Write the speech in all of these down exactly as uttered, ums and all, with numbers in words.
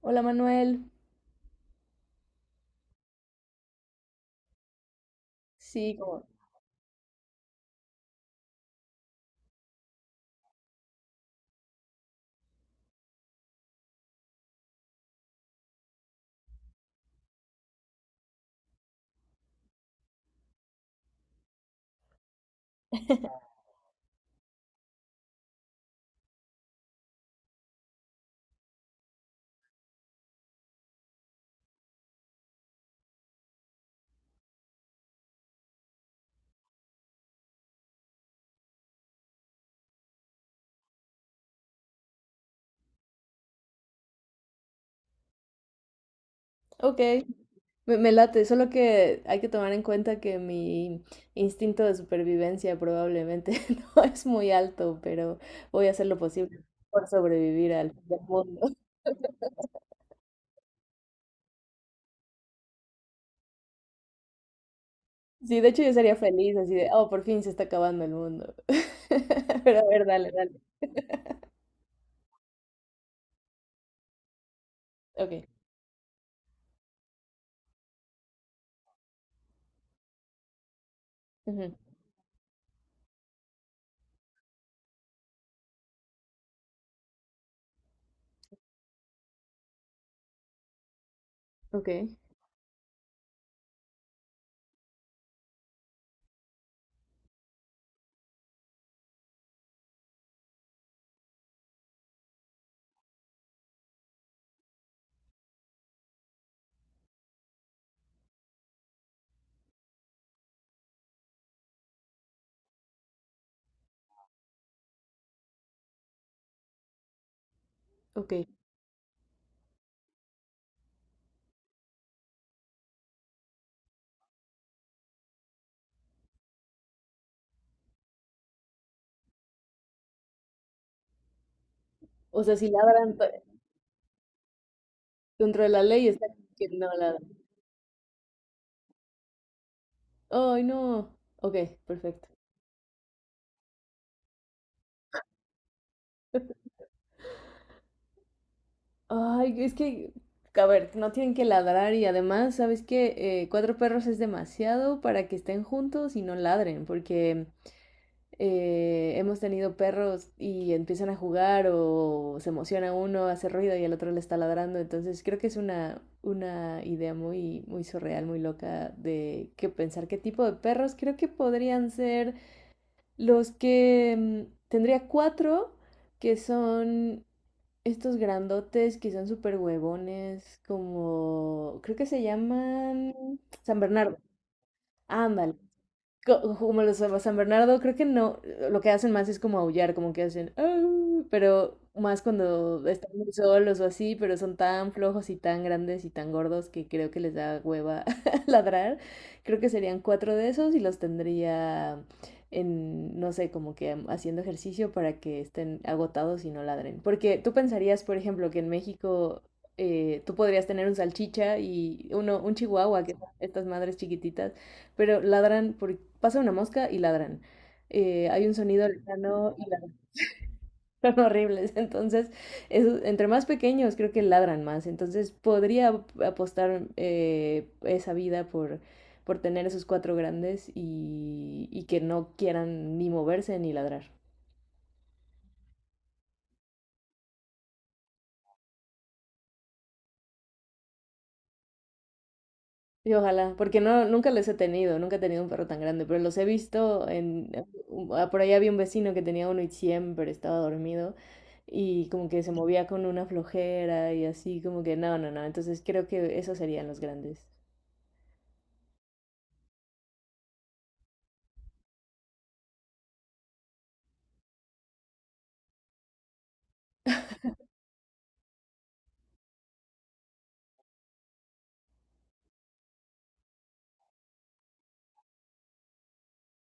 Hola Manuel. Sí, como, ok, me, me late, solo que hay que tomar en cuenta que mi instinto de supervivencia probablemente no es muy alto, pero voy a hacer lo posible por sobrevivir al fin del mundo. Sí, de hecho yo sería feliz así de, oh, por fin se está acabando el mundo. Pero a ver, dale, dale. Ok, ujú, ok, ok. O sea, si ladran to- dentro de la ley está que no ladran. Ay, no. Ok, perfecto. Ay, es que, a ver, no tienen que ladrar y además, ¿sabes qué? Eh, cuatro perros es demasiado para que estén juntos y no ladren, porque eh, hemos tenido perros y empiezan a jugar o se emociona uno, hace ruido y el otro le está ladrando, entonces creo que es una, una idea muy, muy surreal, muy loca de que pensar qué tipo de perros creo que podrían ser los que mm, tendría cuatro que son estos grandotes que son súper huevones, como creo que se llaman San Bernardo como los San Bernardo, creo que no, lo que hacen más es como aullar, como que hacen, "Au", pero más cuando están muy solos o así, pero son tan flojos y tan grandes y tan gordos que creo que les da hueva ladrar. Creo que serían cuatro de esos y los tendría en, no sé, como que haciendo ejercicio para que estén agotados y no ladren. Porque tú pensarías, por ejemplo, que en México... eh, tú podrías tener un salchicha y uno, un chihuahua, que son estas madres chiquititas, pero ladran por pasa una mosca y ladran. Eh, hay un sonido lejano y ladran. Son horribles. Entonces, es- entre más pequeños creo que ladran más. Entonces, podría ap- apostar eh, esa vida por, por tener esos cuatro grandes y, y que no quieran ni moverse ni ladrar. Y ojalá, porque no, nunca los he tenido, nunca he tenido un perro tan grande, pero los he visto en... eh, u- a- Por ahí había un vecino que tenía uno y siempre estaba dormido y como que se movía con una flojera y así, como que no, no, no, entonces creo que esos serían los grandes.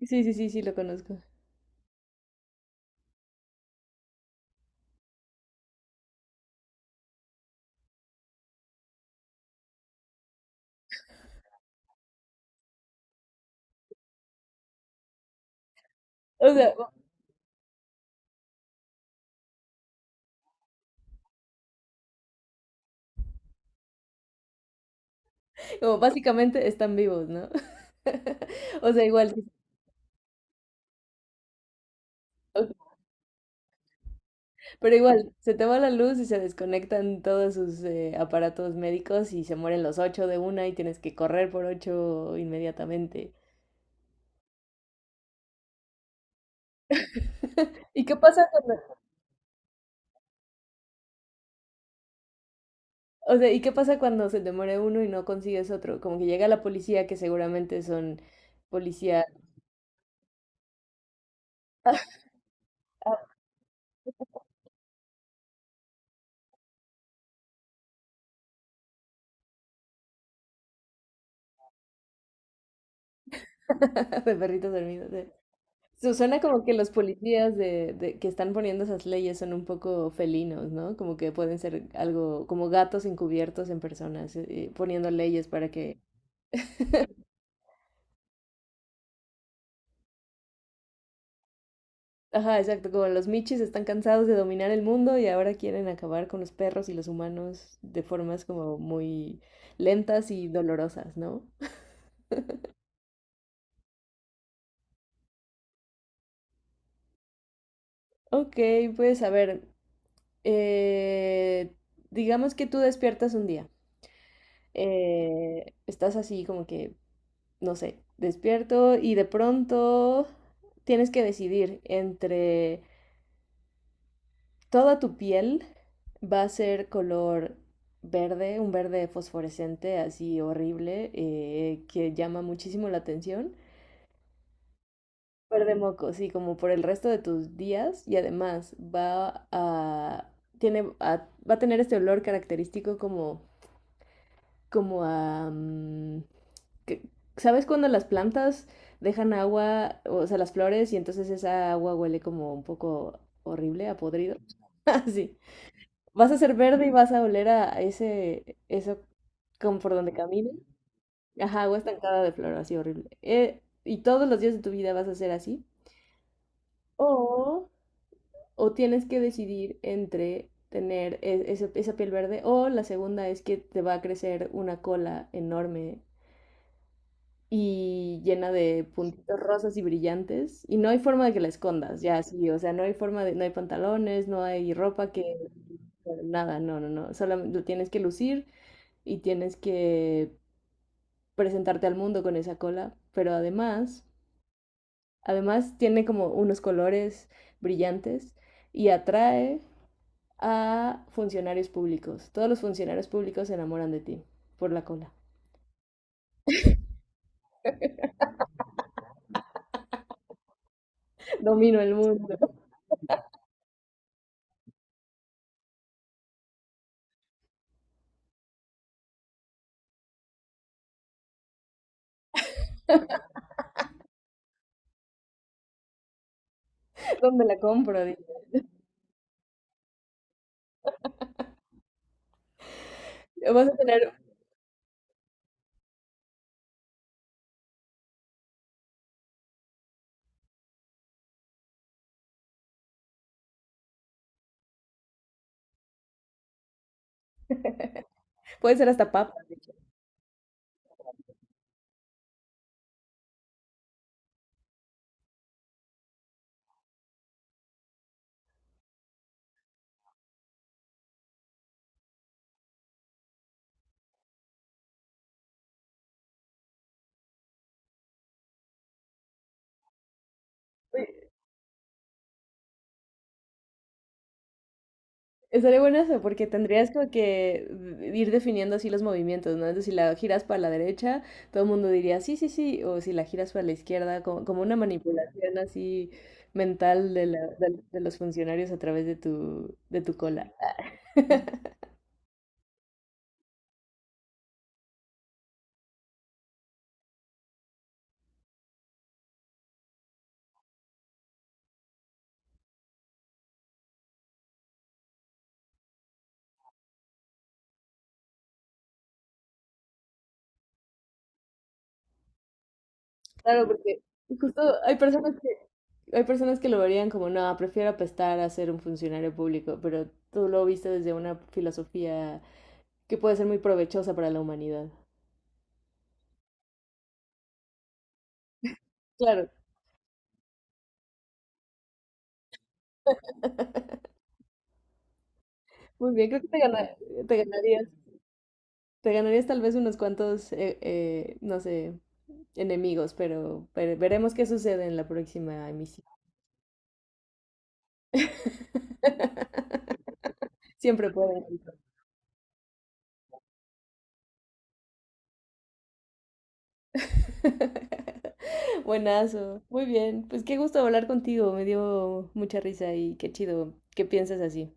Sí, sí, sí, sí, lo conozco. O sea, como básicamente están vivos, ¿no? O sea, igual, sí, pero igual, se te va la luz y se desconectan todos sus eh, aparatos médicos y se mueren los ocho de una y tienes que correr por ocho inmediatamente. ¿Y qué pasa cuando, o sea, ¿y qué pasa cuando se demore uno y no consigues otro? Como que llega la policía, que seguramente son policía de perritos dormidos. de- Su- Suena como que los policías de, de- que están poniendo esas leyes son un poco felinos, ¿no? Como que pueden ser algo como gatos encubiertos en personas, eh, eh, poniendo leyes para que... Ajá, exacto, como los michis están cansados de dominar el mundo y ahora quieren acabar con los perros y los humanos de formas como muy lentas y dolorosas, ¿no? Ok, pues a ver, eh, digamos que tú despiertas un día, eh, estás así como que, no sé, despierto y de pronto tienes que decidir entre toda tu piel va a ser color verde, un verde fosforescente así horrible eh, que llama muchísimo la atención. Súper de moco, sí, como por el resto de tus días y además va a, tiene, a- va a tener este olor característico como, como a... mm, que- ¿sabes cuando las plantas dejan agua, o sea, las flores y entonces esa agua huele como un poco horrible, a podrido? Así. Vas a ser verde y vas a oler a ese, eso como por donde camines. Ajá, agua estancada de flor, así horrible. Eh, y todos los días de tu vida vas a ser así. O o tienes que decidir entre tener e- ese- esa piel verde o la segunda es que te va a crecer una cola enorme y llena de puntitos rosas y brillantes y no hay forma de que la escondas, ya sí, o sea, no hay forma de, no hay pantalones, no hay ropa que, nada, no, no, no, solamente lo tienes que lucir y tienes que presentarte al mundo con esa cola, pero además, además tiene como unos colores brillantes y atrae a funcionarios públicos. Todos los funcionarios públicos se enamoran de ti por la cola. Domino el mundo. ¿Dónde la compro? Dije. Vas a tener, puede ser hasta papa. Dije. Estaría bueno eso, porque tendrías como que ir definiendo así los movimientos, ¿no? Entonces, si la giras para la derecha, todo el mundo diría sí, sí, sí, o si la giras para la izquierda, como, como una manipulación así mental de, la- de- de los funcionarios a través de tu, de tu cola. Claro, porque justo hay personas que, hay personas que lo verían como, no, prefiero apestar a ser un funcionario público, pero tú lo viste desde una filosofía que puede ser muy provechosa para la humanidad. Claro, muy bien, creo que te gana- te ganarías, te ganarías tal vez unos cuantos, eh, eh, no sé, enemigos, pero, pero veremos qué sucede en la próxima emisión. Siempre pueden. Buenazo. Muy bien. Pues qué gusto hablar contigo. Me dio mucha risa y qué chido que pienses así.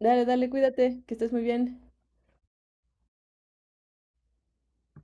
Dale, dale, cuídate, que estés muy bien.